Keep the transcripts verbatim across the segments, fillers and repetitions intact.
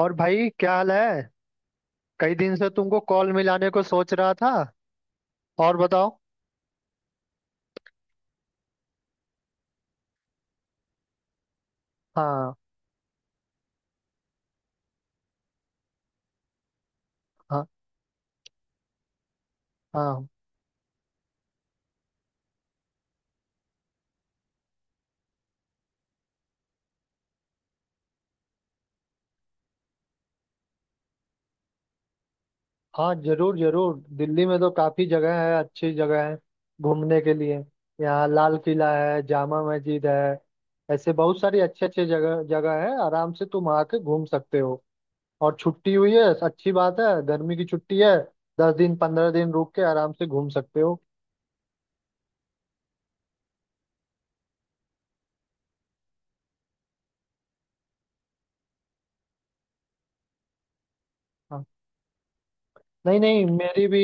और भाई क्या हाल है? कई दिन से तुमको कॉल मिलाने को सोच रहा था। और बताओ। हाँ। हाँ। हाँ। हाँ, जरूर जरूर। दिल्ली में तो काफी जगह है, अच्छी जगह है घूमने के लिए। यहाँ लाल किला है, जामा मस्जिद है, ऐसे बहुत सारी अच्छे अच्छे जगह जगह है। आराम से तुम आके घूम सकते हो। और छुट्टी हुई है। अच्छी बात है, गर्मी की छुट्टी है। दस दिन पंद्रह दिन रुक के आराम से घूम सकते हो। हाँ। नहीं नहीं, मेरी भी।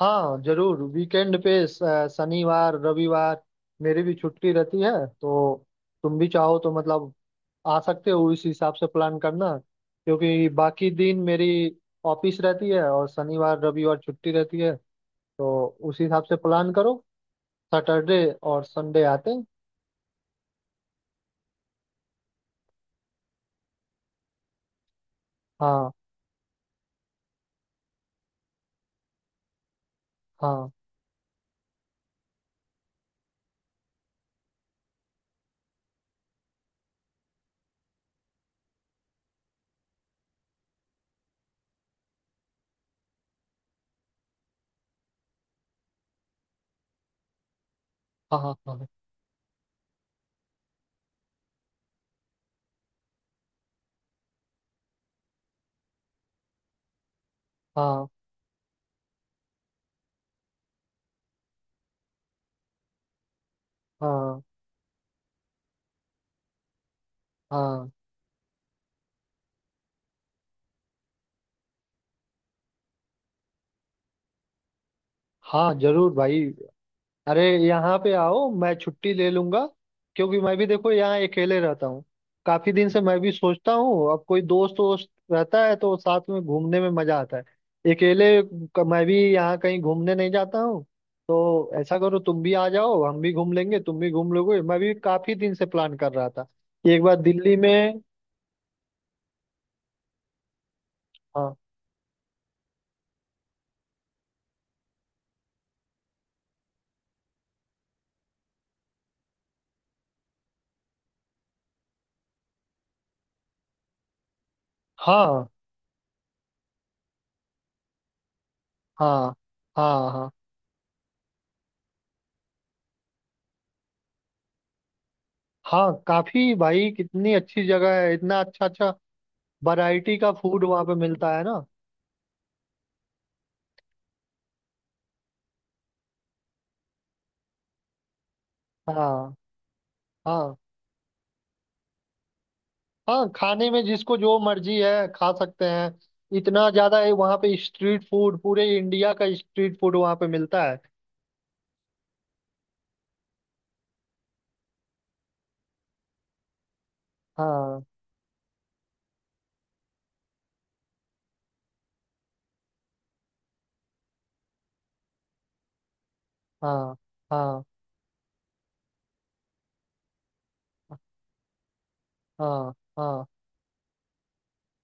हाँ जरूर, वीकेंड पे स- शनिवार रविवार मेरी भी छुट्टी रहती है। तो तुम भी चाहो तो मतलब आ सकते हो। इस हिसाब से प्लान करना क्योंकि बाकी दिन मेरी ऑफिस रहती है और शनिवार रविवार छुट्टी रहती है। तो उस हिसाब से प्लान करो। सैटरडे और संडे आते हैं। हाँ। हाँ। हाँ। हाँ। हाँ। हाँ। हाँ। हाँ। हाँ जरूर भाई। अरे, यहाँ पे आओ, मैं छुट्टी ले लूंगा क्योंकि मैं भी देखो यहाँ अकेले रहता हूँ। काफी दिन से मैं भी सोचता हूँ, अब कोई दोस्त वोस्त रहता है तो साथ में घूमने में मजा आता है। अकेले क- मैं भी यहाँ कहीं घूमने नहीं जाता हूँ। तो ऐसा करो, तुम भी आ जाओ, हम भी घूम लेंगे, तुम भी घूम लोगे। मैं भी काफी दिन से प्लान कर रहा था कि एक बार दिल्ली में। हाँ। हाँ। हाँ। हाँ। हाँ। हाँ काफी भाई, कितनी अच्छी जगह है, इतना अच्छा अच्छा वैरायटी का फूड वहाँ पे मिलता है ना। हाँ। हाँ। हाँ, खाने में जिसको जो मर्जी है खा सकते हैं। इतना ज्यादा है वहाँ पे स्ट्रीट फूड, पूरे इंडिया का स्ट्रीट फूड वहाँ पे मिलता है। हाँ। हाँ। हाँ। हाँ। हाँ।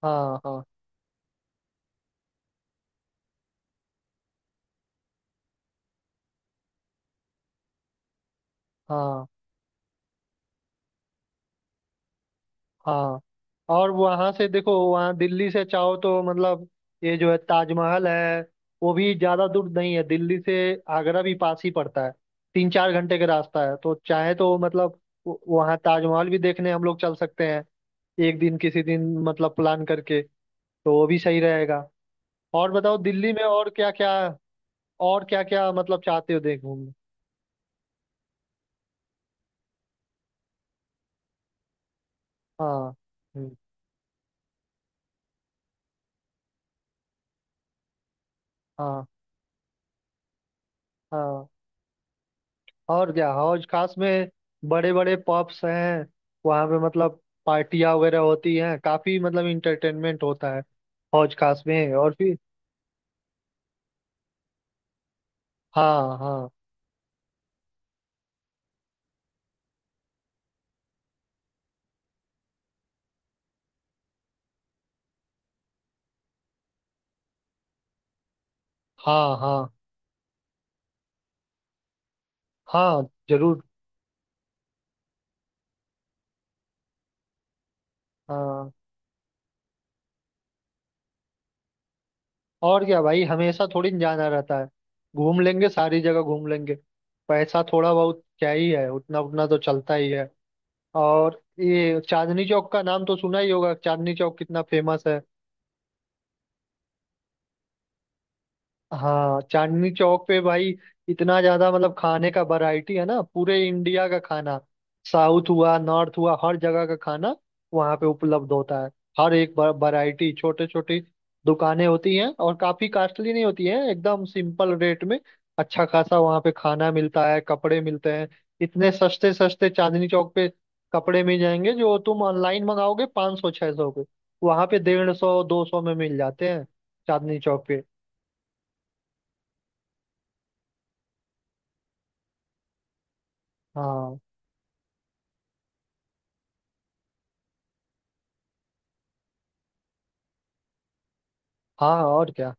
हाँ। हाँ। हाँ। हाँ। और वहाँ से देखो, वहाँ दिल्ली से चाहो तो मतलब ये जो है ताजमहल है, वो भी ज्यादा दूर नहीं है दिल्ली से। आगरा भी पास ही पड़ता है, तीन चार घंटे का रास्ता है। तो चाहे तो मतलब व- वहाँ ताजमहल भी देखने हम लोग चल सकते हैं। एक दिन किसी दिन मतलब प्लान करके, तो वो भी सही रहेगा। और बताओ दिल्ली में और क्या क्या। और क्या क्या मतलब चाहते हो देखने में। हाँ। हम्म। हाँ। हाँ और क्या, हौज खास में बड़े बड़े पब्स हैं वहाँ पे। मतलब पार्टियाँ वगैरह होती हैं काफी, मतलब इंटरटेनमेंट होता है हौज खास में। और फिर हाँ। हाँ। हाँ। हाँ। हाँ जरूर। हाँ और क्या भाई, हमेशा थोड़ी न जाना रहता है, घूम लेंगे, सारी जगह घूम लेंगे। पैसा थोड़ा बहुत क्या ही है, उतना उतना तो चलता ही है। और ये चांदनी चौक का नाम तो सुना ही होगा, चांदनी चौक कितना फेमस है। हाँ चांदनी चौक पे भाई, इतना ज्यादा मतलब खाने का वैरायटी है ना, पूरे इंडिया का खाना। साउथ हुआ नॉर्थ हुआ, हर जगह का खाना वहाँ पे उपलब्ध होता है। हर एक वैरायटी छोटे छोटे दुकानें होती हैं और काफी कॉस्टली नहीं होती है, एकदम सिंपल रेट में अच्छा खासा वहाँ पे खाना मिलता है। कपड़े मिलते हैं इतने सस्ते सस्ते चांदनी चौक पे। कपड़े मिल जाएंगे जो तुम ऑनलाइन मंगाओगे पाँच सौ छः सौ पे, वहाँ पे डेढ़ सौ दो सौ में मिल जाते हैं चांदनी चौक पे। हाँ। हाँ और क्या।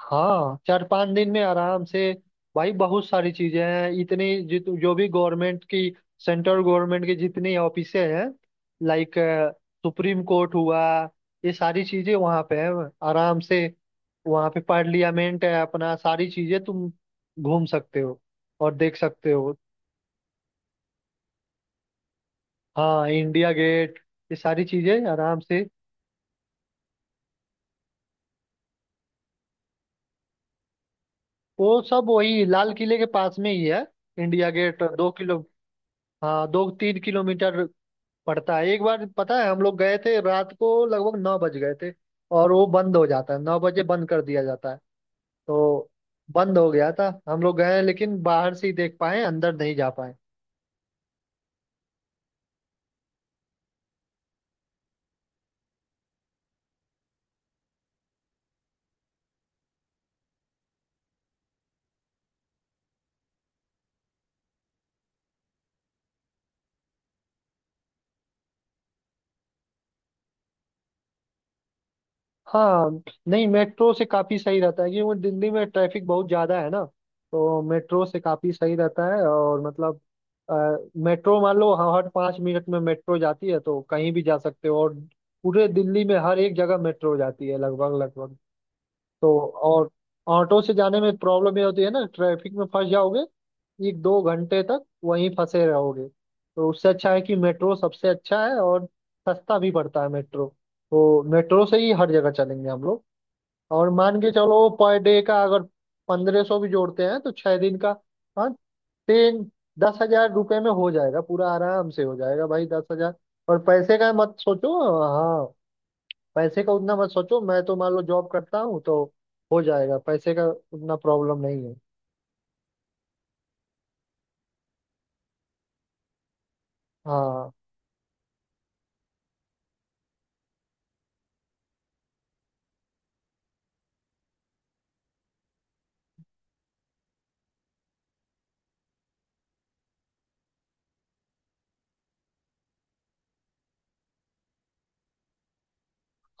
हाँ चार पांच दिन में आराम से। भाई बहुत सारी चीजें हैं, इतनी जित जो भी गवर्नमेंट की, सेंट्रल गवर्नमेंट की जितनी ऑफिसें हैं, लाइक सुप्रीम कोर्ट हुआ, ये सारी चीजें वहाँ पे हैं। आराम से वहाँ पे पार्लियामेंट है अपना, सारी चीजें तुम घूम सकते हो और देख सकते हो। हाँ इंडिया गेट, ये सारी चीजें आराम से। वो सब वही लाल किले के पास में ही है। इंडिया गेट दो किलो। हाँ दो तीन किलोमीटर पड़ता है। एक बार पता है हम लोग गए थे, रात को लगभग नौ बज गए थे और वो बंद हो जाता है, नौ बजे बंद कर दिया जाता है। तो बंद हो गया था, हम लोग गए लेकिन बाहर से ही देख पाए, अंदर नहीं जा पाए। हाँ नहीं, मेट्रो से काफ़ी सही रहता है क्योंकि दिल्ली में ट्रैफिक बहुत ज़्यादा है ना। तो मेट्रो से काफ़ी सही रहता है और मतलब अ, मेट्रो मान लो, हाँ, हर पाँच मिनट में मेट्रो जाती है, तो कहीं भी जा सकते हो। और पूरे दिल्ली में हर एक जगह मेट्रो जाती है लगभग लगभग। तो और ऑटो से जाने में प्रॉब्लम ये होती है ना, ट्रैफिक में फंस जाओगे, एक दो घंटे तक वहीं फंसे रहोगे। तो उससे अच्छा है कि मेट्रो सबसे अच्छा है और सस्ता भी पड़ता है मेट्रो। तो मेट्रो से ही हर जगह चलेंगे हम लोग। और मान के चलो पर डे का अगर पंद्रह सौ भी जोड़ते हैं, तो छह दिन का हाँ तीन दस हजार रुपये में हो जाएगा पूरा, आराम से हो जाएगा भाई। दस हजार, और पैसे का मत सोचो। हाँ। पैसे का उतना मत सोचो, मैं तो मान लो जॉब करता हूँ तो हो जाएगा। पैसे का उतना प्रॉब्लम नहीं है। हाँ।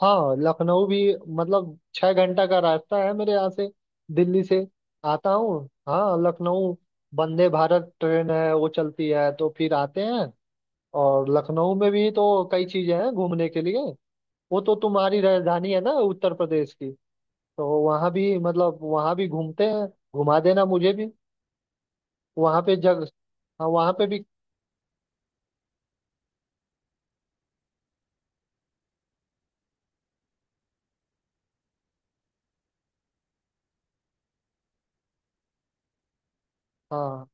हाँ लखनऊ भी मतलब छह घंटा का रास्ता है मेरे यहाँ से, दिल्ली से आता हूँ। हाँ लखनऊ वंदे भारत ट्रेन है वो चलती है, तो फिर आते हैं। और लखनऊ में भी तो कई चीजें हैं घूमने के लिए। वो तो तुम्हारी राजधानी है ना, उत्तर प्रदेश की। तो वहाँ भी मतलब वहाँ भी घूमते हैं। घुमा देना मुझे भी वहाँ पे जग। हाँ वहाँ पे भी। हाँ।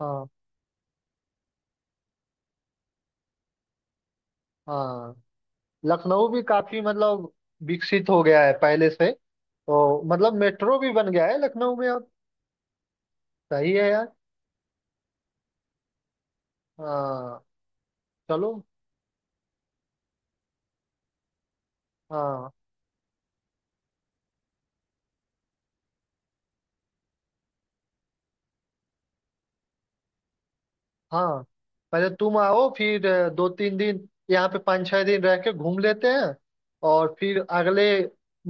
हाँ। हाँ लखनऊ भी काफी मतलब विकसित हो गया है पहले से तो। मतलब मेट्रो भी बन गया है लखनऊ में अब। सही है यार। हाँ। चलो। हाँ। हाँ। पहले तुम आओ, फिर अ, दो तीन दिन यहाँ पे पाँच छः दिन रह के घूम लेते हैं। और फिर अगले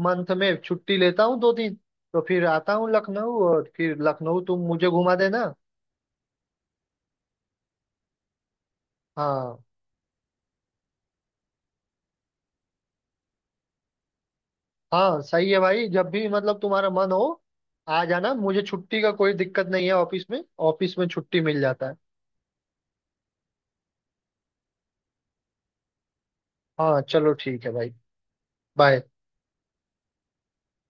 मंथ में छुट्टी लेता हूँ दो दिन, तो फिर आता हूँ लखनऊ और फिर लखनऊ तुम मुझे घुमा देना। हाँ। हाँ सही है भाई, जब भी मतलब तुम्हारा मन हो आ जाना। मुझे छुट्टी का कोई दिक्कत नहीं है ऑफिस में। ऑफिस में छुट्टी मिल जाता है। हाँ चलो ठीक है भाई। बाय।